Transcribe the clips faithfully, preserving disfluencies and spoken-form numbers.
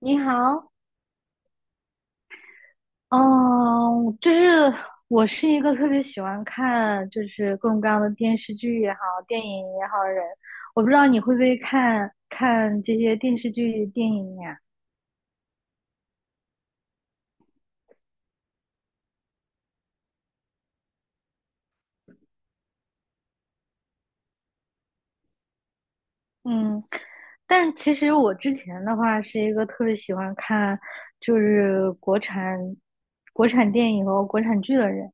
你好。嗯，就是我是一个特别喜欢看就是各种各样的电视剧也好，电影也好的人。我不知道你会不会看看这些电视剧、电影呀？嗯，但其实我之前的话是一个特别喜欢看就是国产国产电影和国产剧的人。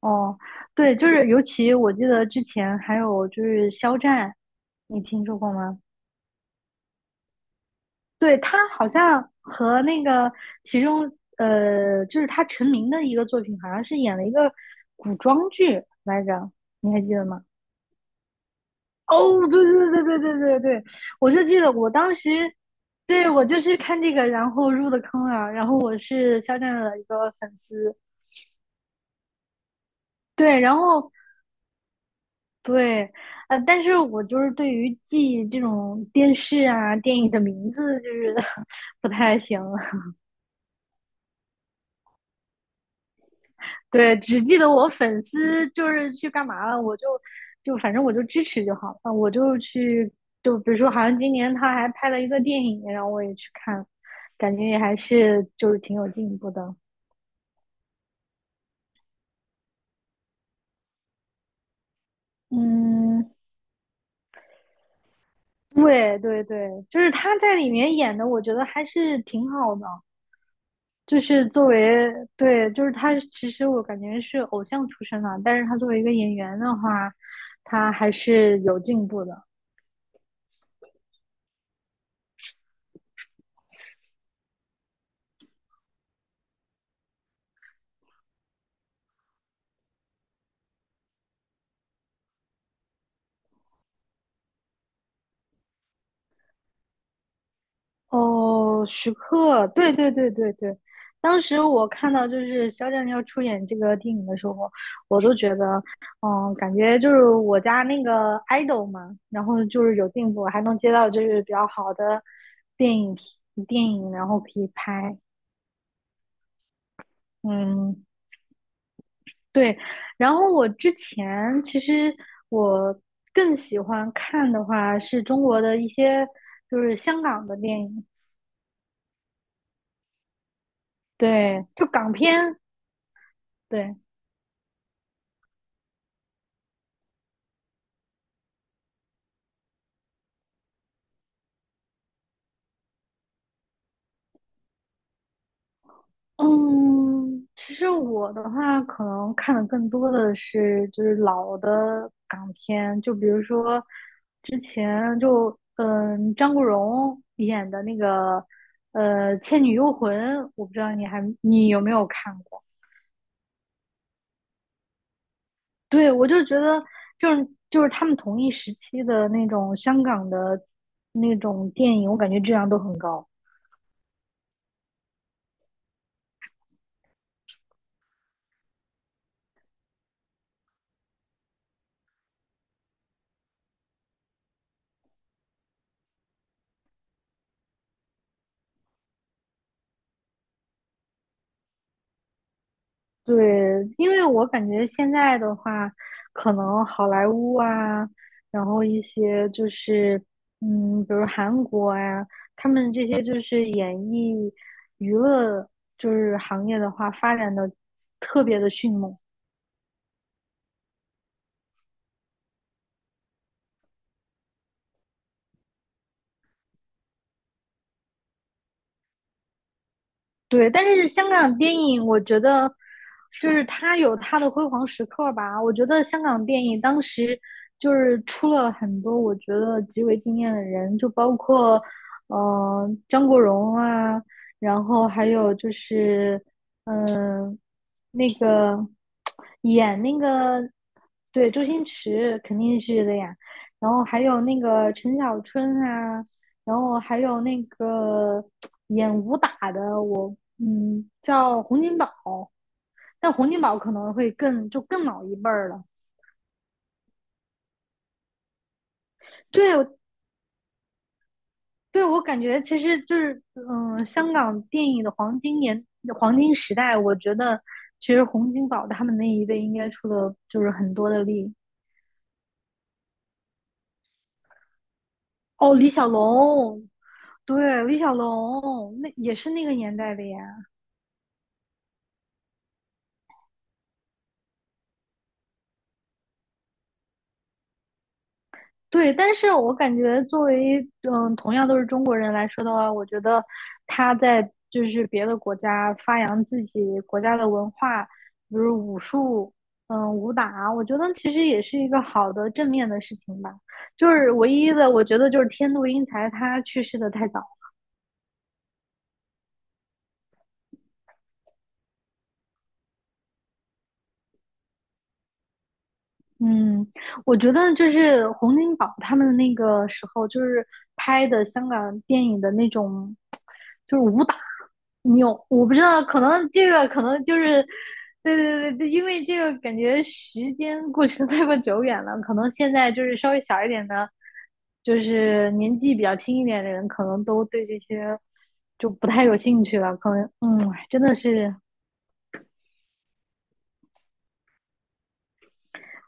哦，对，就是尤其我记得之前还有就是肖战，你听说过吗？对，他好像和那个其中呃，就是他成名的一个作品，好像是演了一个古装剧来着，你还记得吗？哦，对对对对对对对，我就记得我当时，对我就是看这个，然后入的坑啊。然后我是肖战的一个粉丝。对，然后对。呃，但是我就是对于记这种电视啊、电影的名字就是 不太行。对，只记得我粉丝就是去干嘛了，我就就反正我就支持就好了，我就去就比如说，好像今年他还拍了一个电影，然后我也去看，感觉也还是就是挺有进步的。嗯，对对对，就是他在里面演的，我觉得还是挺好的。就是作为对，就是他其实我感觉是偶像出身的，但是他作为一个演员的话，他还是有进步的。哦，徐克，对对对对对。当时我看到就是肖战要出演这个电影的时候，我都觉得，嗯，感觉就是我家那个 idol 嘛，然后就是有进步，还能接到就是比较好的电影批电影，然后可以拍。嗯，对。然后我之前其实我更喜欢看的话是中国的一些就是香港的电影。对，就港片。对。嗯，其实我的话，可能看的更多的是就是老的港片，就比如说之前就嗯张国荣演的那个呃《倩女幽魂》。我不知道你还你有没有看过？对，我就觉得就是就是他们同一时期的那种香港的那种电影，我感觉质量都很高。对，因为我感觉现在的话，可能好莱坞啊，然后一些就是，嗯，比如韩国呀、他们这些就是演艺娱乐就是行业的话，发展的特别的迅猛。对，但是香港电影，我觉得就是它有它的辉煌时刻吧。我觉得香港电影当时就是出了很多我觉得极为惊艳的人，就包括呃张国荣啊，然后还有就是嗯、呃那个演那个对周星驰肯定是的呀，然后还有那个陈小春啊，然后还有那个演武打的，我嗯叫洪金宝，但洪金宝可能会更就更老一辈儿了。对，我对我感觉其实就是嗯，香港电影的黄金年黄金时代，我觉得其实洪金宝他们那一辈应该出了就是很多的力。哦，李小龙，对，李小龙那也是那个年代的呀。对，但是我感觉作为嗯，同样都是中国人来说的话，我觉得他在就是别的国家发扬自己国家的文化，比如武术，嗯，武打，我觉得其实也是一个好的正面的事情吧。就是唯一的，我觉得就是天妒英才，他去世的太早。嗯，我觉得就是洪金宝他们那个时候就是拍的香港电影的那种就是武打。你有我不知道，可能这个可能就是，对对对对，因为这个感觉时间过去的 太过久远了，可能现在就是稍微小一点的，就是年纪比较轻一点的人，可能都对这些就不太有兴趣了。可能嗯，真的是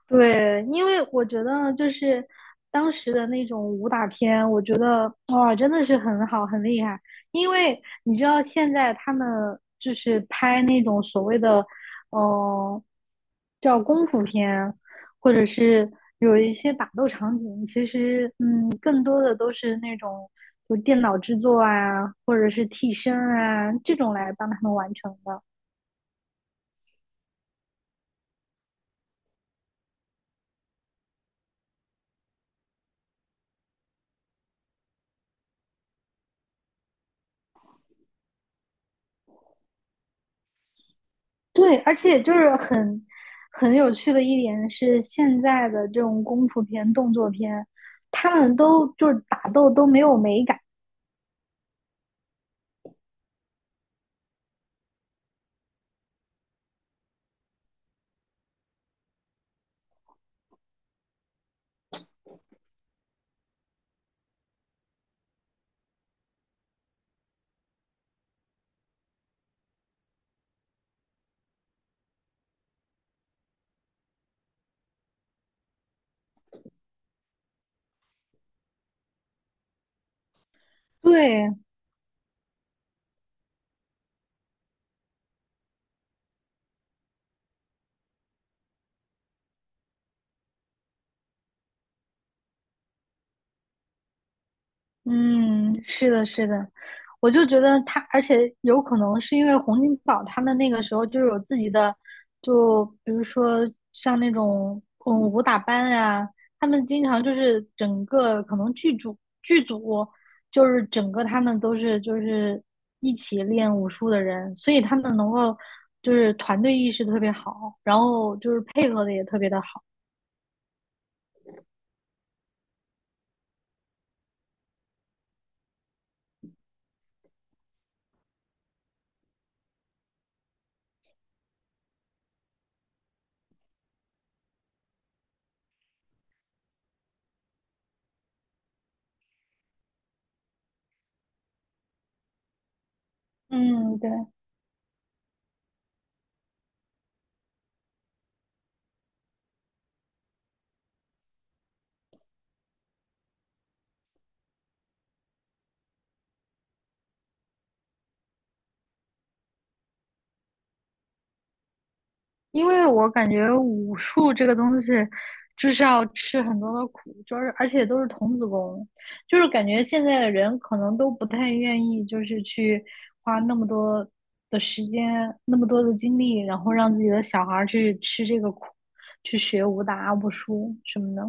对。因为我觉得就是当时的那种武打片，我觉得哇，真的是很好，很厉害。因为你知道现在他们就是拍那种所谓的，呃，叫功夫片，或者是有一些打斗场景，其实嗯，更多的都是那种就电脑制作啊，或者是替身啊这种来帮他们完成的。对，而且就是很很有趣的一点是，现在的这种功夫片、动作片，他们都就是打斗都没有美感。对，嗯，是的，是的。我就觉得他，而且有可能是因为洪金宝他们那个时候就是有自己的，就比如说像那种嗯武打班呀、他们经常就是整个可能剧组剧组就是整个他们都是就是一起练武术的人，所以他们能够就是团队意识特别好，然后就是配合的也特别的好。嗯，对。因为我感觉武术这个东西，就是要吃很多的苦，就是而且都是童子功，就是感觉现在的人可能都不太愿意，就是去花那么多的时间、那么多的精力，然后让自己的小孩儿去吃这个苦，去学武打、武术什么的。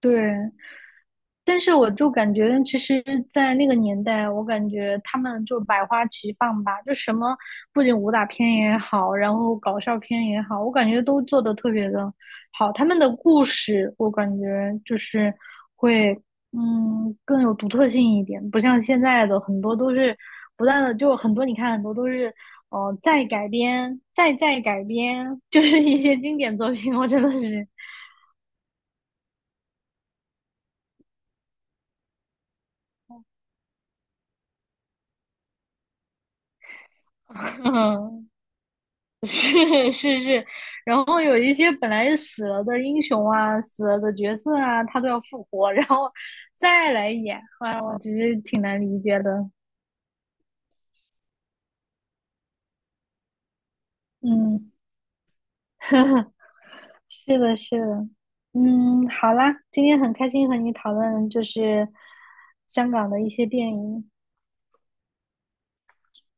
对，但是我就感觉，其实，在那个年代，我感觉他们就百花齐放吧，就什么不仅武打片也好，然后搞笑片也好，我感觉都做的特别的好。他们的故事，我感觉就是会，嗯，更有独特性一点，不像现在的很多都是不断的，就很多你看很多都是哦，呃，再改编，再再改编，就是一些经典作品，我真的是，是是是。然后有一些本来死了的英雄啊、死了的角色啊，他都要复活，然后再来演，啊，我其实挺难理解的。嗯，是的，是的。嗯，好啦，今天很开心和你讨论就是香港的一些电影。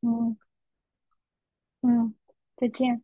嗯嗯，再见。